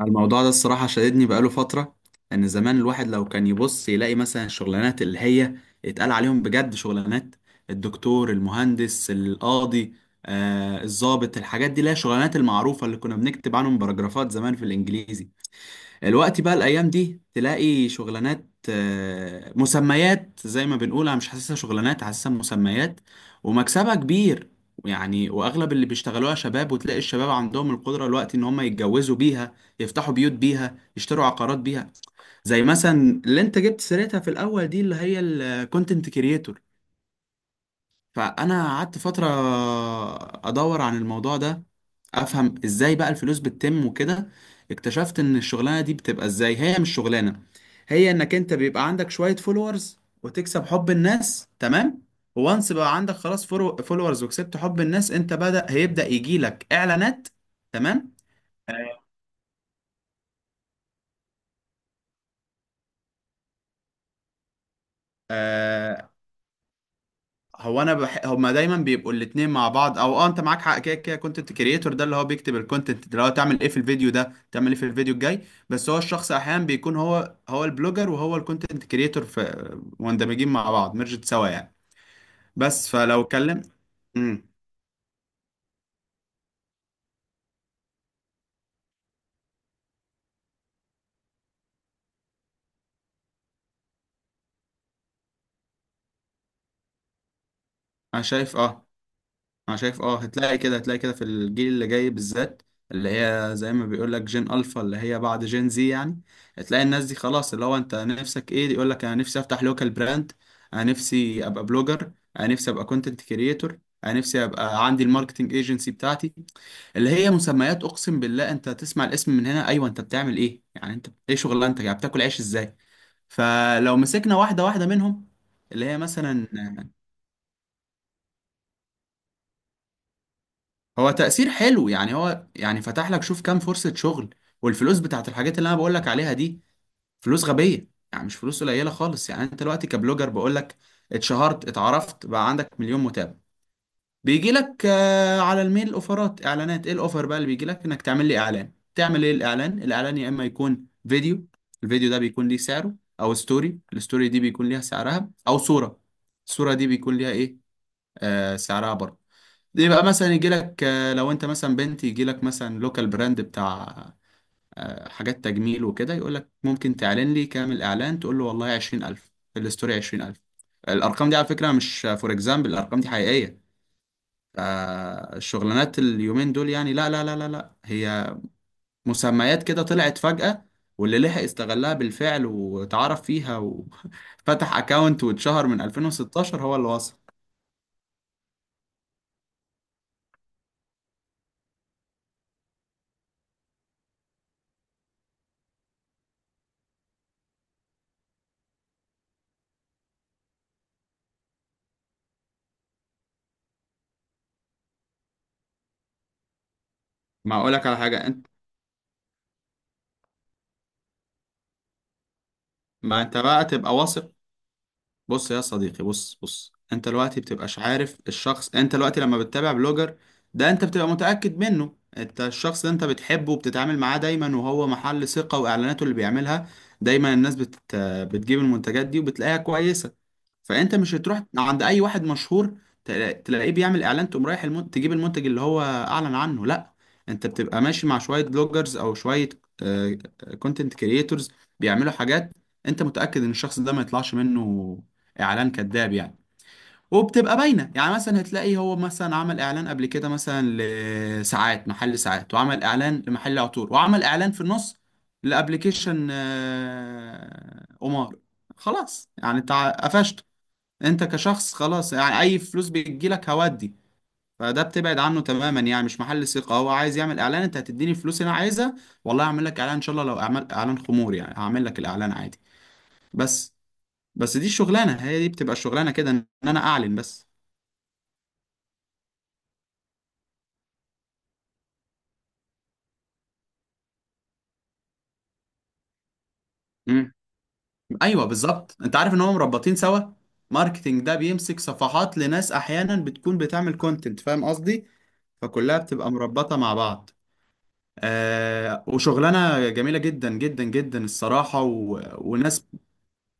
الموضوع ده الصراحة شددني بقاله فترة. إن زمان الواحد لو كان يبص يلاقي مثلا الشغلانات اللي هي اتقال عليهم بجد شغلانات الدكتور المهندس القاضي الضابط، الحاجات دي اللي هي الشغلانات المعروفة اللي كنا بنكتب عنهم باراجرافات زمان في الإنجليزي. الوقت بقى الايام دي تلاقي شغلانات، مسميات، زي ما بنقول انا مش حاسسها شغلانات، حاسسها مسميات ومكسبها كبير يعني. واغلب اللي بيشتغلوها شباب، وتلاقي الشباب عندهم القدره الوقت ان هم يتجوزوا بيها، يفتحوا بيوت بيها، يشتروا عقارات بيها، زي مثلا اللي انت جبت سيرتها في الاول دي اللي هي الكونتنت كريتور. فانا قعدت فتره ادور عن الموضوع ده، افهم ازاي بقى الفلوس بتتم وكده. اكتشفت ان الشغلانه دي بتبقى ازاي، هي مش شغلانه، هي انك انت بيبقى عندك شويه فولورز وتكسب حب الناس، تمام. وانس بقى عندك خلاص فولورز وكسبت حب الناس، انت بدأ هيبدأ يجيلك اعلانات، تمام. هما دايما بيبقوا الاتنين مع بعض، او اه انت معاك حق، كده كده كونتنت كريتور ده اللي هو بيكتب الكونتنت، اللي هو تعمل ايه في الفيديو ده، تعمل ايه في الفيديو الجاي. بس هو الشخص احيانا بيكون هو البلوجر وهو الكونتنت كريتور، في مندمجين مع بعض، ميرجت سوا يعني. بس فلو اتكلم امم انا شايف اه، انا شايف اه، هتلاقي كده في الجيل اللي جاي بالذات، اللي هي زي ما بيقول لك جين الفا، اللي هي بعد جين زي يعني. هتلاقي الناس دي خلاص، اللي هو انت نفسك ايه؟ يقول لك انا نفسي افتح لوكال براند، انا نفسي ابقى بلوجر، انا نفسي ابقى كونتنت كريتور، انا نفسي ابقى عندي الماركتنج ايجنسي بتاعتي. اللي هي مسميات، اقسم بالله انت تسمع الاسم من هنا ايوه انت بتعمل ايه يعني؟ انت ايه شغلانتك يعني؟ بتاكل عيش ازاي؟ فلو مسكنا واحده واحده منهم، اللي هي مثلا هو تأثير حلو يعني، هو يعني فتح لك شوف كام فرصة شغل. والفلوس بتاعت الحاجات اللي انا بقول لك عليها دي فلوس غبية يعني، مش فلوس قليلة خالص. يعني انت دلوقتي كبلوجر بقول لك، اتشهرت اتعرفت بقى عندك مليون متابع، بيجي لك على الميل اوفرات اعلانات. ايه الاوفر بقى اللي بيجي لك؟ انك تعمل لي اعلان. تعمل ايه الاعلان؟ الاعلان يا اما يكون فيديو، الفيديو ده بيكون ليه سعره، او ستوري، الستوري دي بيكون ليها سعرها، او صورة، الصورة دي بيكون ليها ايه؟ آه سعرها برضه. دي بقى مثلا يجي لك، لو انت مثلا بنت يجي لك مثلا لوكال براند بتاع حاجات تجميل وكده، يقول لك ممكن تعلن لي؟ كامل اعلان تقول له والله 20000، الستوري 20000. الارقام دي على فكرة مش فور اكزامبل، الارقام دي حقيقية. فالشغلانات اليومين دول يعني، لا لا لا لا لا، هي مسميات كده طلعت فجأة، واللي لحق استغلها بالفعل واتعرف فيها وفتح اكاونت واتشهر من 2016 هو اللي وصل. ما اقولك على حاجة انت، ما انت بقى تبقى واثق. بص يا صديقي، بص انت دلوقتي بتبقاش عارف الشخص. انت دلوقتي لما بتتابع بلوجر ده انت بتبقى متأكد منه. انت الشخص ده انت بتحبه وبتتعامل معاه دايما وهو محل ثقة، واعلاناته اللي بيعملها دايما الناس بتجيب المنتجات دي وبتلاقيها كويسة. فانت مش هتروح عند اي واحد مشهور تلاقيه بيعمل اعلان تقوم رايح تجيب المنتج اللي هو اعلن عنه، لا. انت بتبقى ماشي مع شوية بلوجرز او شوية كونتنت كرييتورز بيعملوا حاجات، انت متأكد ان الشخص ده ما يطلعش منه اعلان كذاب يعني. وبتبقى باينة يعني، مثلا هتلاقي هو مثلا عمل اعلان قبل كده مثلا لساعات، محل ساعات، وعمل اعلان لمحل عطور، وعمل اعلان في النص لابلكيشن قمار. خلاص يعني انت قفشت. انت كشخص خلاص يعني اي فلوس بتجيلك هودي. فده بتبعد عنه تماما يعني، مش محل ثقة. هو عايز يعمل اعلان، انت هتديني الفلوس اللي انا عايزها، والله هعمل لك اعلان ان شاء الله. لو اعمل اعلان خمور يعني هعمل لك الاعلان عادي، بس. بس دي الشغلانة، هي دي بتبقى الشغلانة، كده ان انا اعلن بس. مم. ايوه بالظبط، انت عارف ان هم مربطين سوا. ماركتينج ده بيمسك صفحات لناس احيانا بتكون بتعمل كونتنت، فاهم قصدي؟ فكلها بتبقى مربطة مع بعض. وشغلانة جميلة جدا جدا جدا الصراحة، وناس.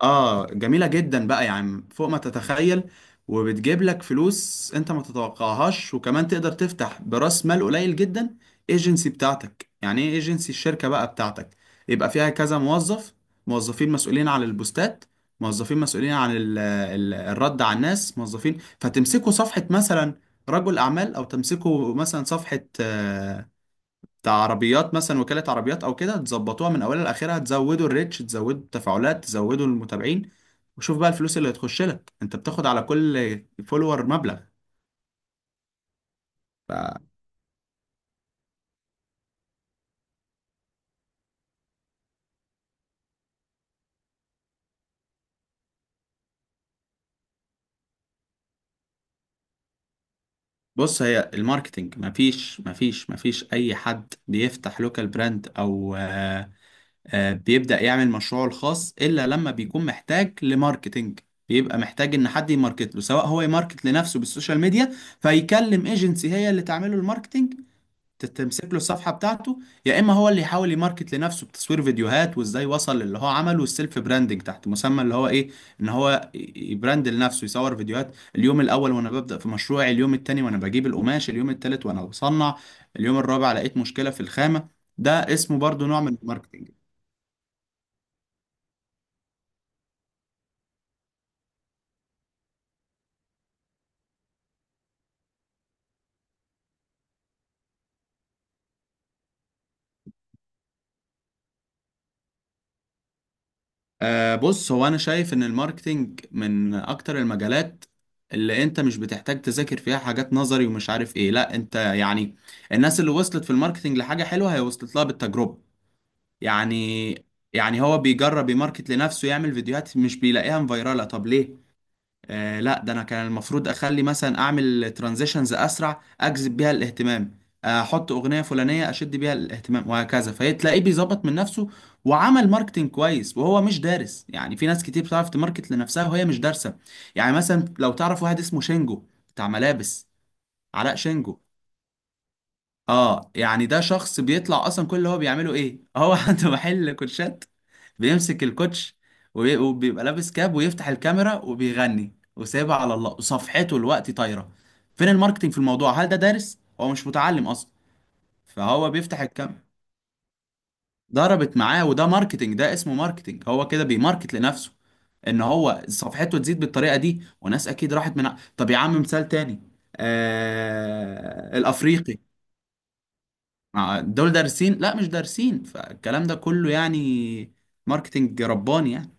اه جميلة جدا بقى يا عم، فوق ما تتخيل. وبتجيب لك فلوس انت ما تتوقعهاش، وكمان تقدر تفتح براس مال قليل جدا ايجنسي بتاعتك. يعني ايه ايجنسي؟ الشركة بقى بتاعتك، يبقى فيها كذا موظف، موظفين مسؤولين عن البوستات، موظفين مسؤولين عن ال الرد على الناس، موظفين. فتمسكوا صفحة مثلا رجل اعمال، او تمسكوا مثلا صفحة بتاع عربيات مثلا، وكالة عربيات او كده، تظبطوها من اولها لاخرها، تزودوا الريتش، تزودوا التفاعلات، تزودوا المتابعين. وشوف بقى الفلوس اللي هتخش لك، انت بتاخد على كل فولور مبلغ. فبص هي الماركتينج، مفيش اي حد بيفتح لوكال براند او بيبدأ يعمل مشروعه الخاص الا لما بيكون محتاج لماركتينج. بيبقى محتاج ان حد يماركت له، سواء هو يماركت لنفسه بالسوشيال ميديا فيكلم ايجنسي هي اللي تعمله الماركتينج، تمسك له الصفحة بتاعته، يا إما هو اللي يحاول يماركت لنفسه بتصوير فيديوهات وإزاي وصل للي هو عمله، والسيلف براندنج تحت مسمى اللي هو إيه، إن هو يبراند لنفسه. يصور فيديوهات اليوم الأول وأنا ببدأ في مشروعي، اليوم التاني وأنا بجيب القماش، اليوم التالت وأنا بصنع، اليوم الرابع لقيت مشكلة في الخامة. ده اسمه برضو نوع من الماركتنج. بص هو انا شايف ان الماركتينج من اكتر المجالات اللي انت مش بتحتاج تذاكر فيها حاجات نظري ومش عارف ايه، لا، انت يعني الناس اللي وصلت في الماركتينج لحاجة حلوة هي وصلت لها بالتجربة يعني. يعني هو بيجرب يماركت لنفسه، يعمل فيديوهات مش بيلاقيها مفيرالة، طب ليه؟ آه لا ده انا كان المفروض اخلي، مثلا اعمل ترانزيشنز اسرع اجذب بيها الاهتمام، احط اغنيه فلانيه اشد بيها الاهتمام، وهكذا. فتلاقيه بيظبط من نفسه وعمل ماركتنج كويس وهو مش دارس. يعني في ناس كتير بتعرف تماركت لنفسها وهي مش دارسه. يعني مثلا لو تعرف واحد اسمه شينجو، بتاع ملابس، علاء شينجو. اه يعني ده شخص بيطلع اصلا. كل اللي هو بيعمله ايه؟ هو عنده محل كوتشات، بيمسك الكوتش وبيبقى لابس كاب ويفتح الكاميرا وبيغني وسايبها على الله، وصفحته الوقت طايره. فين الماركتينج في الموضوع؟ هل ده دارس؟ هو مش متعلم اصلا، فهو بيفتح الكاميرا، ضربت معاه. وده ماركتينج، ده اسمه ماركتينج، هو كده بيماركت لنفسه ان هو صفحته تزيد بالطريقه دي. وناس اكيد راحت طب يا عم، مثال تاني، الافريقي. مع دول دارسين؟ لا مش دارسين. فالكلام ده كله يعني ماركتينج رباني يعني.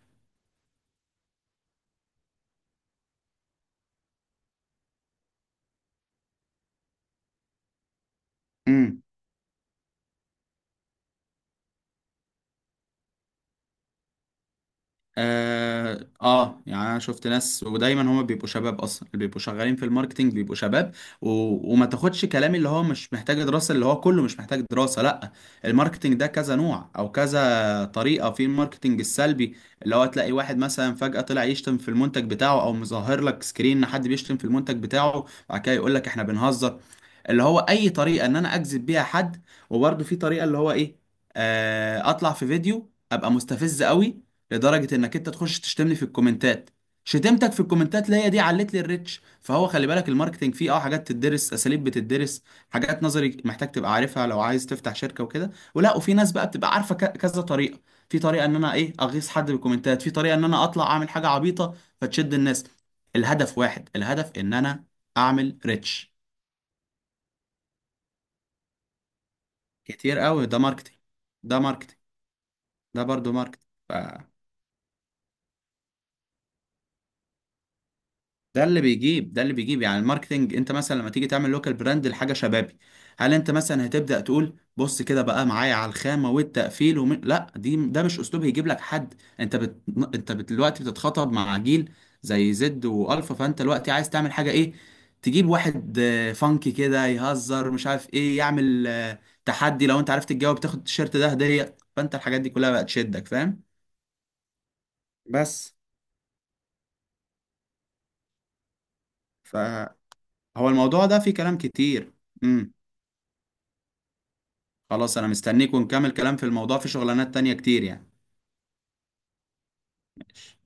امم يعني انا شفت ناس، ودايما هما بيبقوا شباب اصلا، اللي بيبقوا شغالين في الماركتينج بيبقوا شباب. و... وما تاخدش كلامي اللي هو مش محتاج دراسة اللي هو كله مش محتاج دراسة، لا. الماركتينج ده كذا نوع او كذا طريقة. في الماركتينج السلبي، اللي هو تلاقي واحد مثلا فجأة طلع يشتم في المنتج بتاعه، او مظهر لك سكرين ان حد بيشتم في المنتج بتاعه، بعد كده يقول لك احنا بنهزر. اللي هو اي طريقه ان انا اجذب بيها حد. وبرده في طريقه اللي هو ايه، اطلع في فيديو ابقى مستفز قوي لدرجه انك انت تخش تشتمني في الكومنتات، شتمتك في الكومنتات اللي هي دي علت لي الريتش. فهو خلي بالك الماركتينج فيه اه حاجات تدرس، اساليب بتدرس، حاجات نظري محتاج تبقى عارفها لو عايز تفتح شركه وكده، ولا وفي ناس بقى بتبقى عارفه كذا طريقه. في طريقه ان انا ايه اغيظ حد بالكومنتات، في طريقه ان انا اطلع اعمل حاجه عبيطه فتشد الناس. الهدف واحد، الهدف ان انا اعمل ريتش كتير قوي. ده ماركتينج، ده ماركتينج، ده برضو ماركتينج. ده اللي بيجيب، ده اللي بيجيب يعني الماركتينج. انت مثلا لما تيجي تعمل لوكال براند لحاجه شبابي، هل انت مثلا هتبدا تقول بص كده بقى معايا على الخامه والتقفيل لا دي ده مش اسلوب هيجيب لك حد. انت بت... دلوقتي بتتخاطب مع جيل زي زد والفا، فانت دلوقتي عايز تعمل حاجه ايه؟ تجيب واحد فانكي كده يهزر مش عارف ايه، يعمل تحدي لو انت عرفت تجاوب تاخد التيشيرت ده هديه. فانت الحاجات دي كلها بقت تشدك، فاهم؟ بس فهو الموضوع ده فيه كلام كتير. امم خلاص انا مستنيك، ونكمل كلام في الموضوع، في شغلانات تانية كتير يعني.